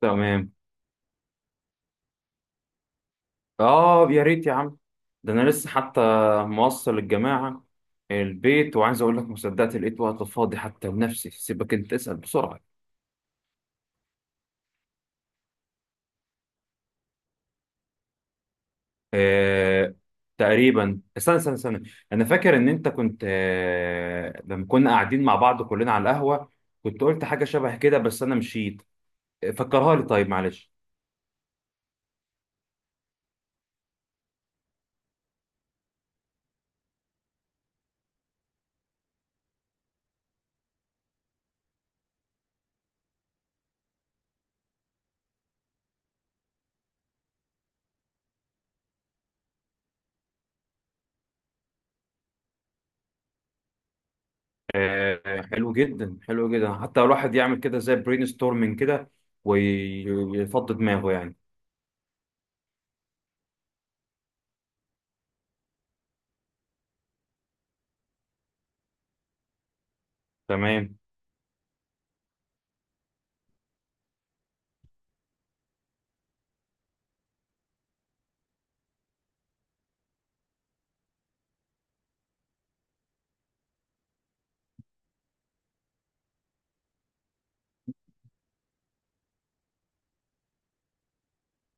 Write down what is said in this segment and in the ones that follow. تمام. اه يا ريت يا عم. ده انا لسه حتى موصل الجماعه البيت، وعايز اقول لك، ما صدقت لقيت وقت فاضي حتى لنفسي. سيبك انت، اسال بسرعه. آه. تقريبا استنى استنى استنى، انا فاكر ان انت كنت لما كنا قاعدين مع بعض كلنا على القهوه، كنت قلت حاجه شبه كده بس انا مشيت. فكرها لي، طيب معلش. آه، حلو جدا حلو جدا، حتى الواحد يعمل كده زي برين ستورمنج كده ويفضي دماغه يعني. تمام.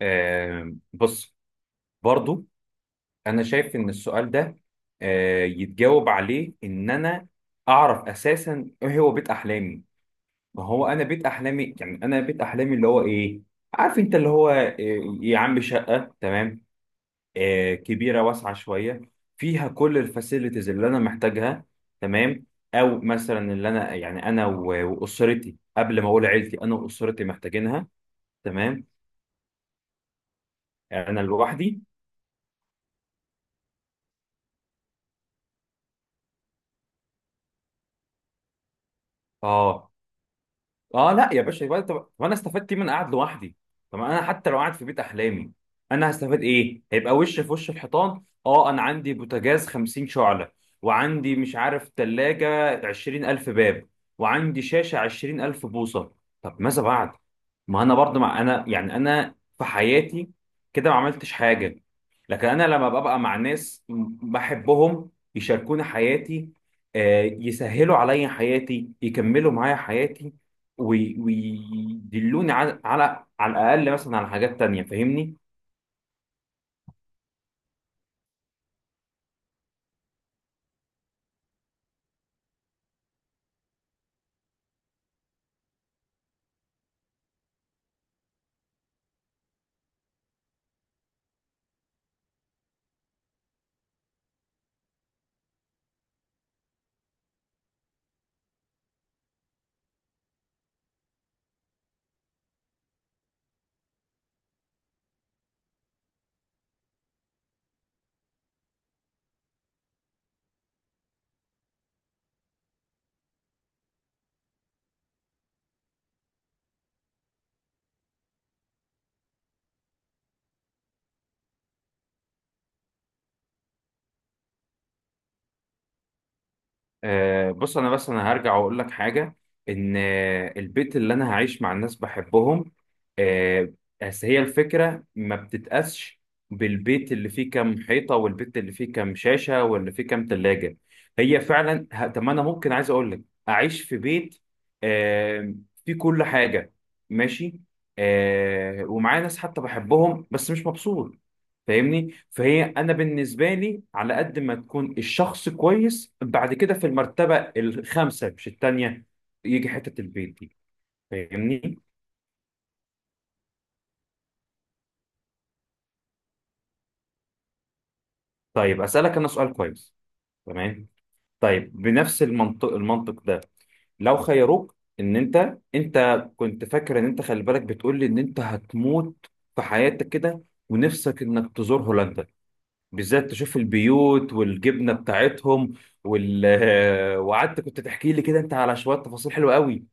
آه بص، برضو انا شايف ان السؤال ده يتجاوب عليه ان انا اعرف اساسا ايه هو بيت احلامي. ما هو انا بيت احلامي، يعني انا بيت احلامي اللي هو ايه؟ عارف انت اللي هو يا عم، شقة، تمام، آه كبيرة واسعة شوية، فيها كل الفاسيلتيز اللي انا محتاجها، تمام. او مثلا اللي انا يعني انا واسرتي، قبل ما اقول عيلتي، انا واسرتي محتاجينها. تمام. يعني انا لوحدي. اه. اه لا يا باشا، يبقى طب انا استفدت ايه من قاعد لوحدي؟ طب انا حتى لو قاعد في بيت احلامي، انا هستفاد ايه؟ هيبقى وش في وش الحيطان. اه، انا عندي بوتاجاز 50 شعلة، وعندي مش عارف تلاجة 20000 باب، وعندي شاشة 20000 بوصة. طب ماذا بعد؟ ما انا برضه، مع انا يعني انا في حياتي كده ما عملتش حاجة. لكن انا لما ببقى مع ناس بحبهم، يشاركوني حياتي، يسهلوا عليا حياتي، يكملوا معايا حياتي، ويدلوني على الاقل مثلا على حاجات تانية. فاهمني. آه بص، انا هرجع واقول لك حاجه، ان البيت اللي انا هعيش مع الناس بحبهم، آه، بس هي الفكره ما بتتقاسش بالبيت اللي فيه كام حيطه، والبيت اللي فيه كام شاشه، واللي فيه كام تلاجه. هي فعلا طب ما انا ممكن عايز اقول لك اعيش في بيت آه فيه كل حاجه، ماشي، آه ومعايا ناس حتى بحبهم، بس مش مبسوط. فاهمني. فهي انا بالنسبه لي، على قد ما تكون الشخص كويس، بعد كده في المرتبه الخامسه مش الثانيه يجي حته البيت دي. فاهمني. طيب اسالك انا سؤال كويس. تمام. طيب بنفس المنطق ده، لو خيروك ان انت، انت كنت فاكر ان انت، خلي بالك بتقول لي ان انت هتموت في حياتك كده، ونفسك انك تزور هولندا بالذات، تشوف البيوت والجبنه بتاعتهم، وال... وقعدت كنت تحكي لي كده انت على شويه تفاصيل حلوه قوي.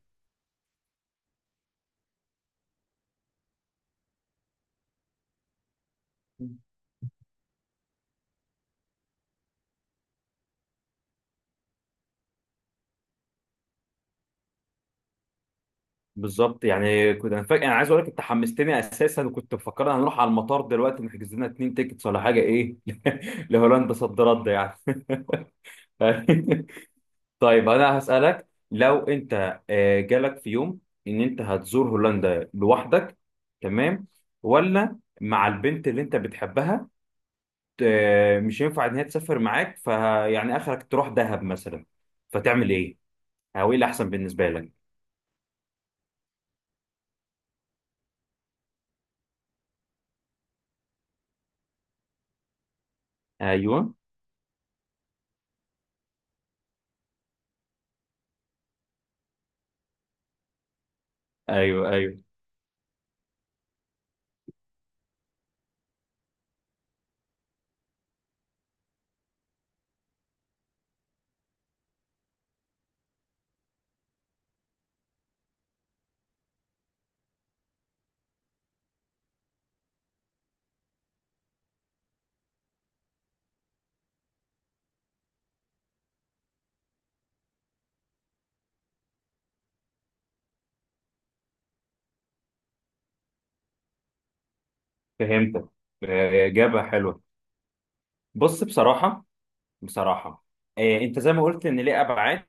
بالظبط، يعني كنت انا فاكر، انا عايز اقول لك انت حمستني اساسا، وكنت مفكر هنروح على المطار دلوقتي نحجز لنا اتنين تيكتس ولا حاجه، ايه؟ لهولندا، صد رد يعني. طيب انا هسالك، لو انت جالك في يوم ان انت هتزور هولندا لوحدك، تمام، ولا مع البنت اللي انت بتحبها، مش ينفع ان هي تسافر معاك، فيعني اخرك تروح دهب مثلا، فتعمل ايه؟ او ايه الاحسن بالنسبه لك؟ ايوه. ايوه. ايوه، فهمتك. اجابه حلوه. بص، بصراحه، بصراحه، انت زي ما قلت ان ليه ابعاد،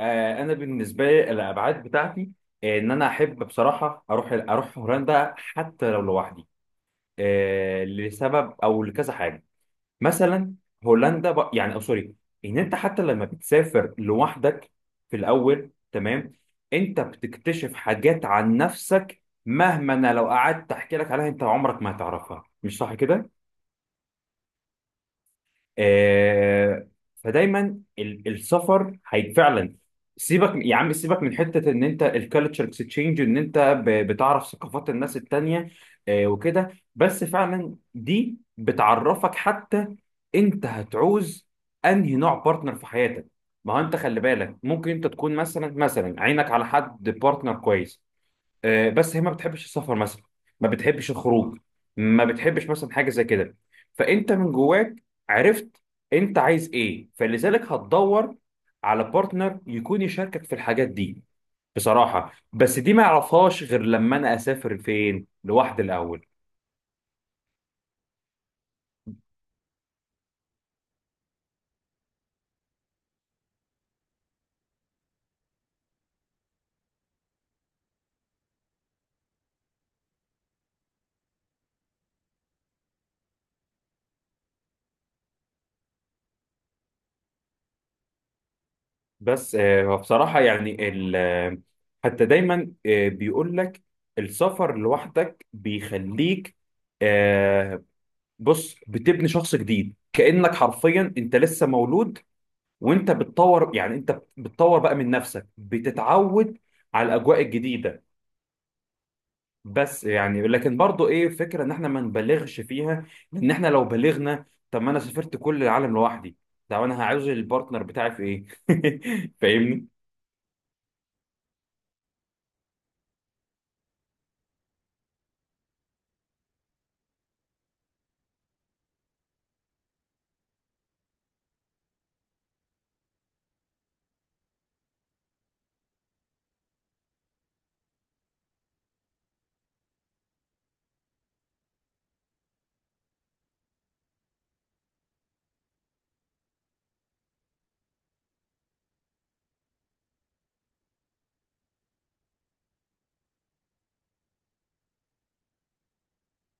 انا بالنسبه لي الابعاد بتاعتي، ان انا احب بصراحه اروح هولندا حتى لو لوحدي، لسبب او لكذا حاجه. مثلا هولندا ب... يعني او سوري، ان انت حتى لما بتسافر لوحدك في الاول، تمام، انت بتكتشف حاجات عن نفسك، مهما انا لو قعدت احكي لك عليها انت عمرك ما هتعرفها. مش صح كده؟ آه، فدايما السفر هي فعلا، سيبك يا عم سيبك من حته ان انت الكالتشر اكسشينج ان انت بتعرف ثقافات الناس التانيه، وكده. بس فعلا دي بتعرفك حتى انت هتعوز انهي نوع بارتنر في حياتك. ما هو انت خلي بالك ممكن انت تكون مثلا عينك على حد بارتنر كويس، بس هي ما بتحبش السفر مثلا، ما بتحبش الخروج، ما بتحبش مثلا حاجه زي كده. فانت من جواك عرفت انت عايز ايه، فلذلك هتدور على بارتنر يكون يشاركك في الحاجات دي. بصراحه بس دي ما اعرفهاش غير لما انا اسافر فين لوحدي الاول. بس بصراحه يعني حتى دايما بيقول لك السفر لوحدك بيخليك، آه، بص بتبني شخص جديد، كأنك حرفيا انت لسه مولود، وانت بتطور، يعني انت بتطور بقى من نفسك، بتتعود على الاجواء الجديده. بس يعني لكن برضو ايه فكره ان احنا ما نبالغش فيها، لان احنا لو بالغنا، طب ما انا سافرت كل العالم لوحدي، طب انا هعوز البارتنر بتاعي في ايه؟ فاهمني.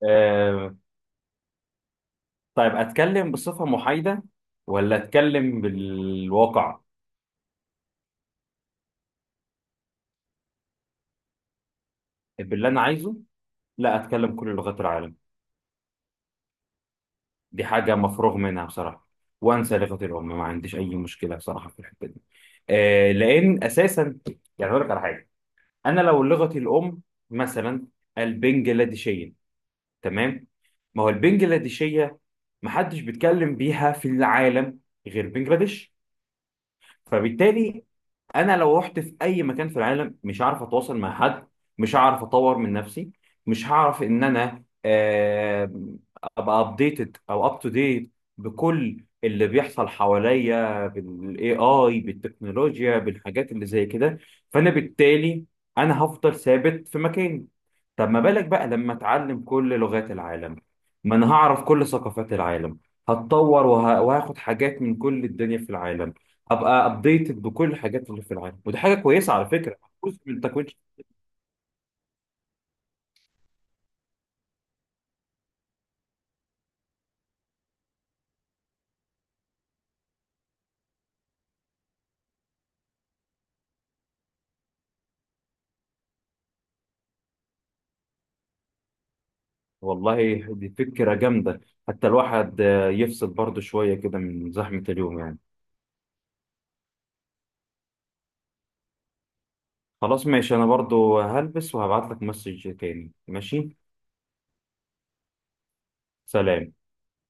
آه. طيب اتكلم بصفه محايده ولا اتكلم بالواقع؟ باللي انا عايزه، لا اتكلم كل لغات العالم. دي حاجة مفروغ منها بصراحة، وأنسى لغة الأم، ما عنديش أي مشكلة بصراحة في الحتة دي. آه لأن أساسا، يعني أقول لك على حاجة، أنا لو لغتي الأم مثلا البنجلاديشية، تمام، ما هو البنجلاديشية محدش بيتكلم بيها في العالم غير بنجلاديش. فبالتالي انا لو رحت في اي مكان في العالم مش هعرف اتواصل مع حد، مش هعرف اطور من نفسي، مش هعرف ان انا ابقى ابديتد او اب تو ديت بكل اللي بيحصل حواليا، بالاي اي، بالتكنولوجيا، بالحاجات اللي زي كده. فانا بالتالي انا هفضل ثابت في مكاني. طب ما بالك بقى لما اتعلم كل لغات العالم؟ ما انا هعرف كل ثقافات العالم، هتطور وهاخد حاجات من كل الدنيا في العالم، ابقى ابديتد بكل الحاجات اللي في العالم. ودي حاجه كويسه على فكره. جزء من تكوين شخصية. والله دي فكره جامده، حتى الواحد يفصل برضه شويه كده من زحمه اليوم يعني. خلاص ماشي، انا برضه هلبس وهبعت لك مسج تاني، ماشي. سلام.